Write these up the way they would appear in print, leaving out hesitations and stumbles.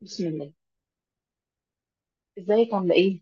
بسم الله. ازيك عامله ايه؟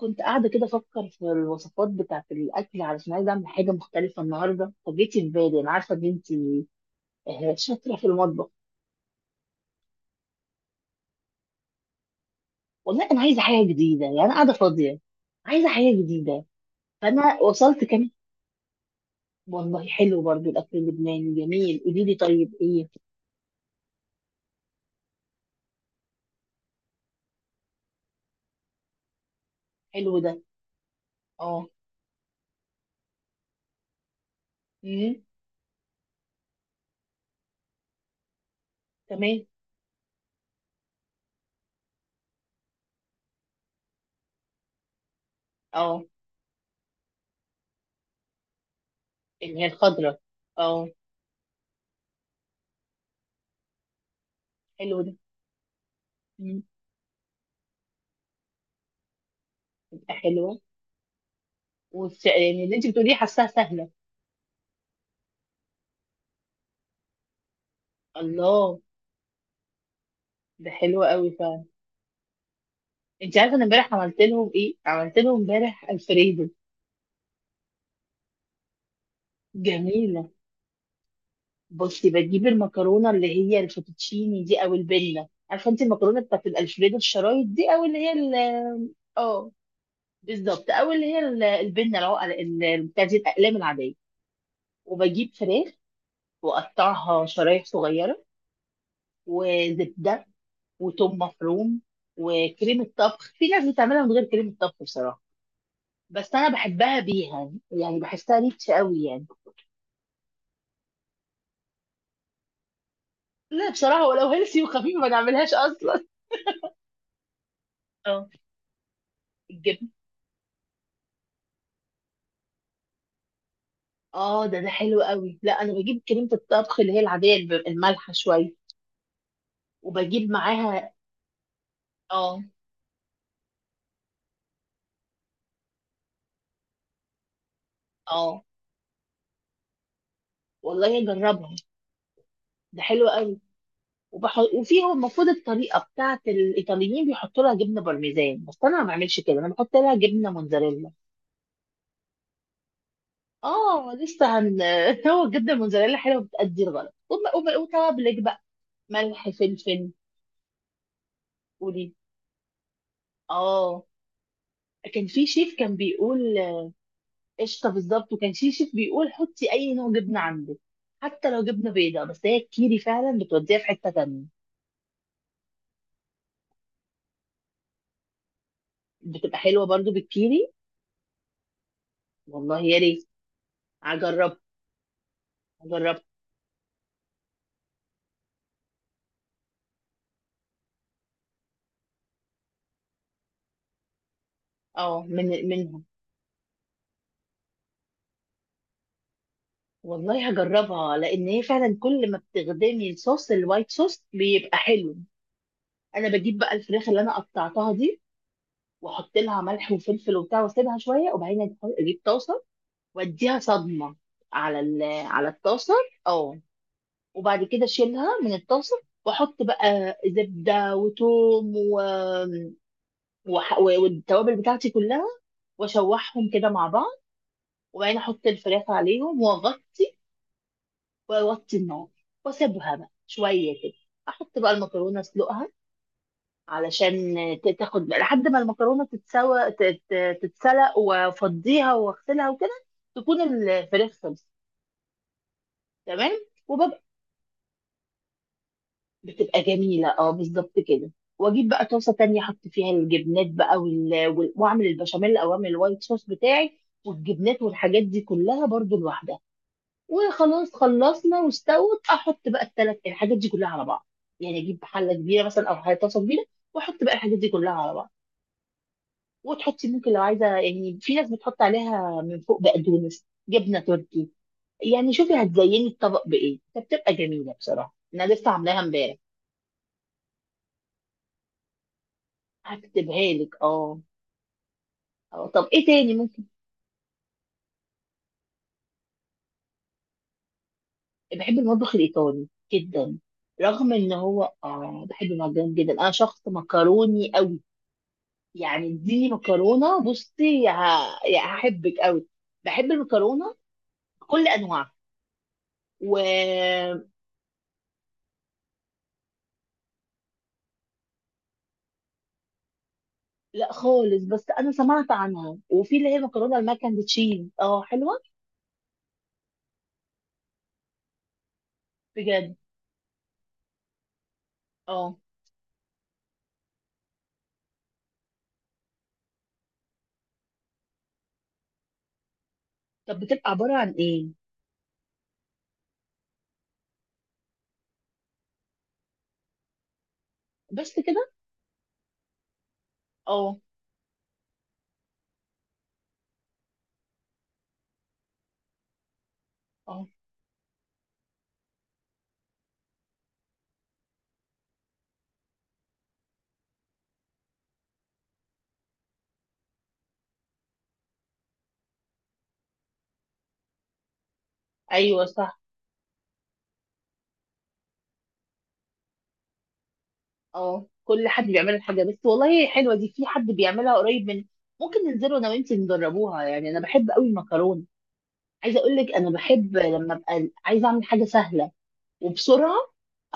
كنت قاعده كده افكر في الوصفات بتاعه الاكل علشان عايزه اعمل حاجه مختلفه النهارده فجيتي في بالي. انا عارفه ان انت شاطره في المطبخ. والله انا عايزه حاجه جديده، يعني انا قاعده فاضيه، عايزه حاجه جديده، فانا وصلت كمان. والله حلو برضو الاكل اللبناني جميل، قولي لي طيب ايه. حلو ده. اه. امم. تمام. اه، اللي هي الخضره. اه. حلو ده. امم. تبقى حلوه. يعني اللي انت بتقوليه حاساها سهله. الله، ده حلو قوي. انت عارفه انا امبارح عملت لهم ايه؟ عملت لهم امبارح الفريدو. جميله. بصي، بجيب المكرونه اللي هي الفوتوتشيني دي او البنه، عارفه انت المكرونه بتاعت الالفريدو الشرايط دي او اللي هي اه بالظبط، او اللي هي ال- البنه العقل- ال- ال- بتاع دي الاقلام العاديه. وبجيب فراخ واقطعها شرايح صغيره، وزبده وتوم مفروم وكريمه طبخ. في ناس بتعملها من غير كريمه طبخ بصراحه، بس انا بحبها بيها يعني، بحسها ريتش قوي يعني. لا بصراحة ولو هيلسي وخفيفة ما نعملهاش أصلا. اه، الجبن. اه، ده حلو قوي. لا أنا بجيب كريمة الطبخ اللي هي العادية المالحة شوية، وبجيب معاها. اه. اه. والله أجربها، ده حلو قوي. وبحط وفيها المفروض الطريقة بتاعت الإيطاليين بيحطوا لها جبنة بارميزان، بس أنا ما بعملش كده، أنا بحط لها جبنة موتزاريلا. اه لسه هن هو الجبنة الموتزاريلا حلوة بتأدي الغرض. وتوابلك بقى، ملح فلفل. قولي. اه، كان في شيف كان بيقول: قشطه بالظبط. وكان في شيف بيقول حطي اي نوع جبنه عندك، حتى لو جبنه بيضاء. بس هي الكيري فعلا بتوديها في حته تانية. بتبقى حلوه برضو بالكيري. والله يا ريت، هجربها، هجربها. اه، من منهم. والله هجربها، لان هي فعلا كل ما بتخدمي الصوص الوايت صوص بيبقى حلو. انا بجيب بقى الفراخ اللي انا قطعتها دي، واحط لها ملح وفلفل وبتاع، واسيبها شويه، وبعدين اجيب طاسه واديها صدمه على على الطاسه. اه. وبعد كده اشيلها من الطاسه، واحط بقى زبده وثوم والتوابل بتاعتي كلها، واشوحهم كده مع بعض. وبعدين احط الفراخ عليهم واغطي واوطي النار، واسيبها بقى شويه كده. احط بقى المكرونه، اسلقها، علشان تاخد بقى لحد ما المكرونه تتسوى، تتسلق، وافضيها واغسلها وكده. تكون الفراخ خلصت. تمام. وببقى بتبقى جميلة، اه بالظبط كده. واجيب بقى طاسة تانية احط فيها الجبنات بقى واعمل البشاميل او اعمل الوايت صوص بتاعي، والجبنات والحاجات دي كلها برضو لوحدها. وخلاص خلصنا، واستوت، احط بقى الثلاث الحاجات دي كلها على بعض. يعني اجيب حلة كبيرة مثلا، او حاجة طاسة كبيرة، واحط بقى الحاجات دي كلها على بعض. وتحطي ممكن لو عايزة، يعني في ناس بتحط عليها من فوق بقدونس، جبنة تركي، يعني شوفي هتزيني الطبق بايه. فبتبقى جميلة بصراحة، انا لسه عاملاها امبارح. هكتبها لك، اه. اه، طب ايه تاني ممكن؟ بحب المطبخ الايطالي جدا. رغم ان هو اه بحب المعجنات جدا، انا شخص مكروني قوي، يعني اديني مكرونه بصي يعني هحبك قوي. بحب المكرونه بكل انواعها. و لا خالص، بس انا سمعت عنها. وفي اللي هي مكرونه الماكاندتشيز، اه حلوه. بجد. اه. طب بتبقى عباره عن ايه؟ بس كده؟ اه. اه. ايوه صح. اه، كل حد بيعمل الحاجه بس. والله حلوه دي، في حد بيعملها قريب من، ممكن ننزلوا انا وانتي نجربوها، يعني انا بحب قوي المكرونه. عايزه اقول لك انا بحب لما ابقى عايزه اعمل حاجه سهله وبسرعه،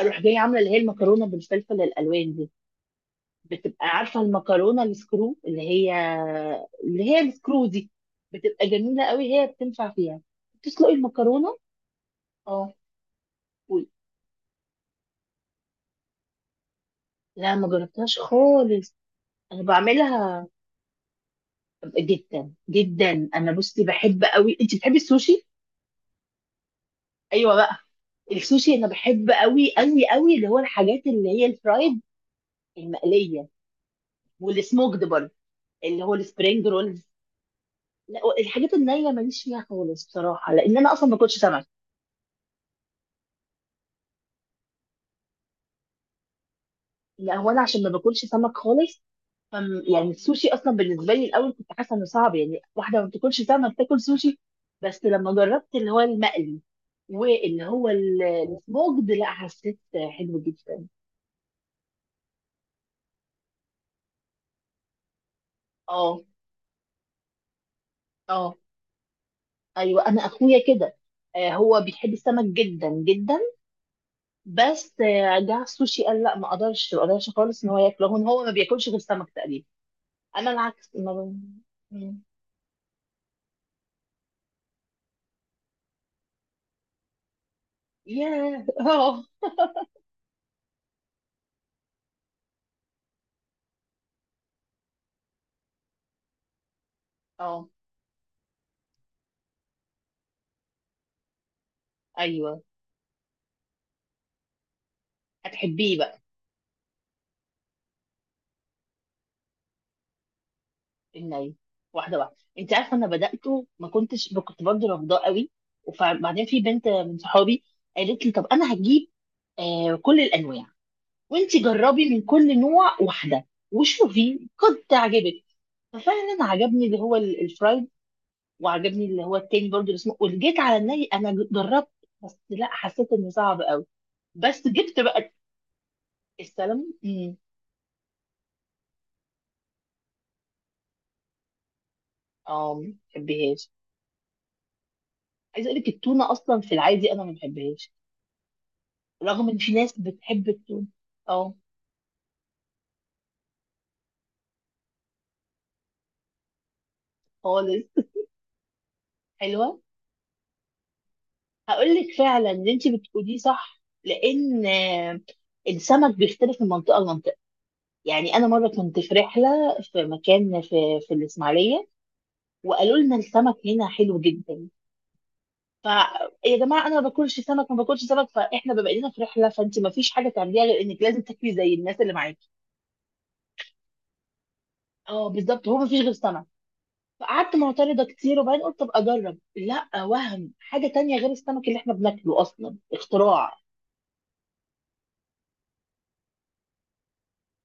اروح جايه عامله اللي هي المكرونه بالفلفل الالوان دي. بتبقى عارفه المكرونه السكرو اللي هي، اللي هي السكرو دي، بتبقى جميله قوي، هي بتنفع فيها. بتسلقي المكرونه. اه. قولي. لا ما جربتهاش خالص. انا بعملها. جدا جدا. انا بصي بحب قوي، انت بتحبي السوشي؟ ايوه بقى. السوشي انا بحب قوي قوي قوي اللي هو الحاجات اللي هي الفرايد، المقليه، والسموكد برضه، اللي هو السبرينج رولز. لا الحاجات النيه ماليش فيها خالص بصراحه، لان انا اصلا ما باكلش سمك. لا هو انا عشان ما باكلش سمك خالص، فم يعني السوشي اصلا بالنسبه لي الاول كنت حاسه انه صعب، يعني واحده ما بتاكلش سمك تاكل سوشي؟ بس لما جربت اللي هو المقلي واللي هو السموكد، لا حسيت حلو جدا. اه. اه. ايوه انا اخويا كده. آه، هو بيحب السمك جدا جدا. بس آه جه على السوشي قال لا ما اقدرش، ما اقدرش خالص ان هو ياكله. هو ما بياكلش غير سمك تقريبا. انا العكس، ما ب... مم. ياه اه. اه. ايوه. هتحبيه بقى. الني. واحده واحده. انت عارفه انا بداته ما كنتش، كنت برضه رافضاه قوي. وبعدين في بنت من صحابي قالت لي طب انا هجيب كل الانواع، وانت جربي من كل نوع واحده وشوفي قد تعجبك. ففعلا عجبني اللي هو الفرايد، وعجبني اللي هو التاني برضو اللي اسمه. واللي جيت على الني انا جربت، بس لا حسيت انه صعب قوي. بس جبت بقى. السلمون. امم. اه، ما بحبهاش. عايزه اقول لك التونه اصلا في العادي انا ما بحبهاش، رغم ان في ناس بتحب التونه. اه. خالص. حلوه. هقول لك فعلا ان انت بتقوليه صح، لان السمك بيختلف من منطقه لمنطقه. يعني انا مره كنت في رحله، في مكان في الاسماعيليه، وقالوا لنا السمك هنا حلو جدا. ف يا جماعه انا ما باكلش سمك، ما باكلش سمك، فاحنا بما اننا في رحله فانت ما فيش حاجه تعمليها غير انك لازم تاكلي زي الناس اللي معاكي. اه بالظبط، هو ما فيش غير سمك. فقعدت معترضه كتير، وبعدين قلت طب اجرب، لا وهم حاجه تانية غير السمك اللي احنا بناكله اصلا، اختراع.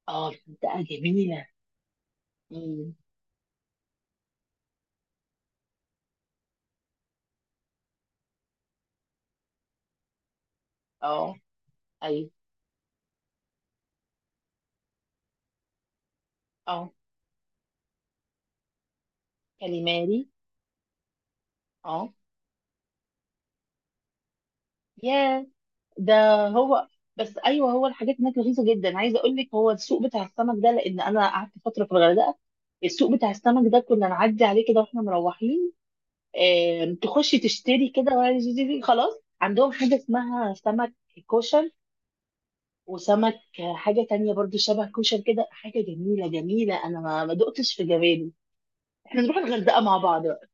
اه، منطقه جميله. امم. اه. ايوه. اه. كاليماري. اه. ياه. ده هو. بس ايوه هو الحاجات هناك رخيصه جدا. عايزه اقول لك هو السوق بتاع السمك ده، لان انا قعدت فتره في الغردقه، السوق بتاع السمك ده كنا نعدي عليه كده واحنا مروحين. آم، تخشي تشتري كده ولا زي- زي- زي، خلاص عندهم حاجه اسمها سمك كوشن، وسمك حاجه تانية برضو شبه كوشن كده، حاجه جميله جميله انا ما دقتش في جمالي. احنا نروح الغردقه مع بعض بقى.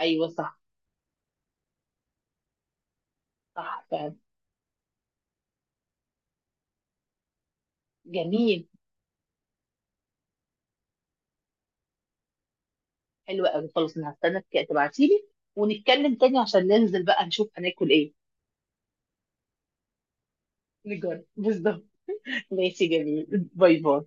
ايوه صح. صح فعلا. جميل. حلوة قوي. خلاص انا هستنى تبعتيلي ونتكلم تاني عشان ننزل بقى نشوف هناكل ايه. نجرب بالظبط. ماشي جميل. باي باي.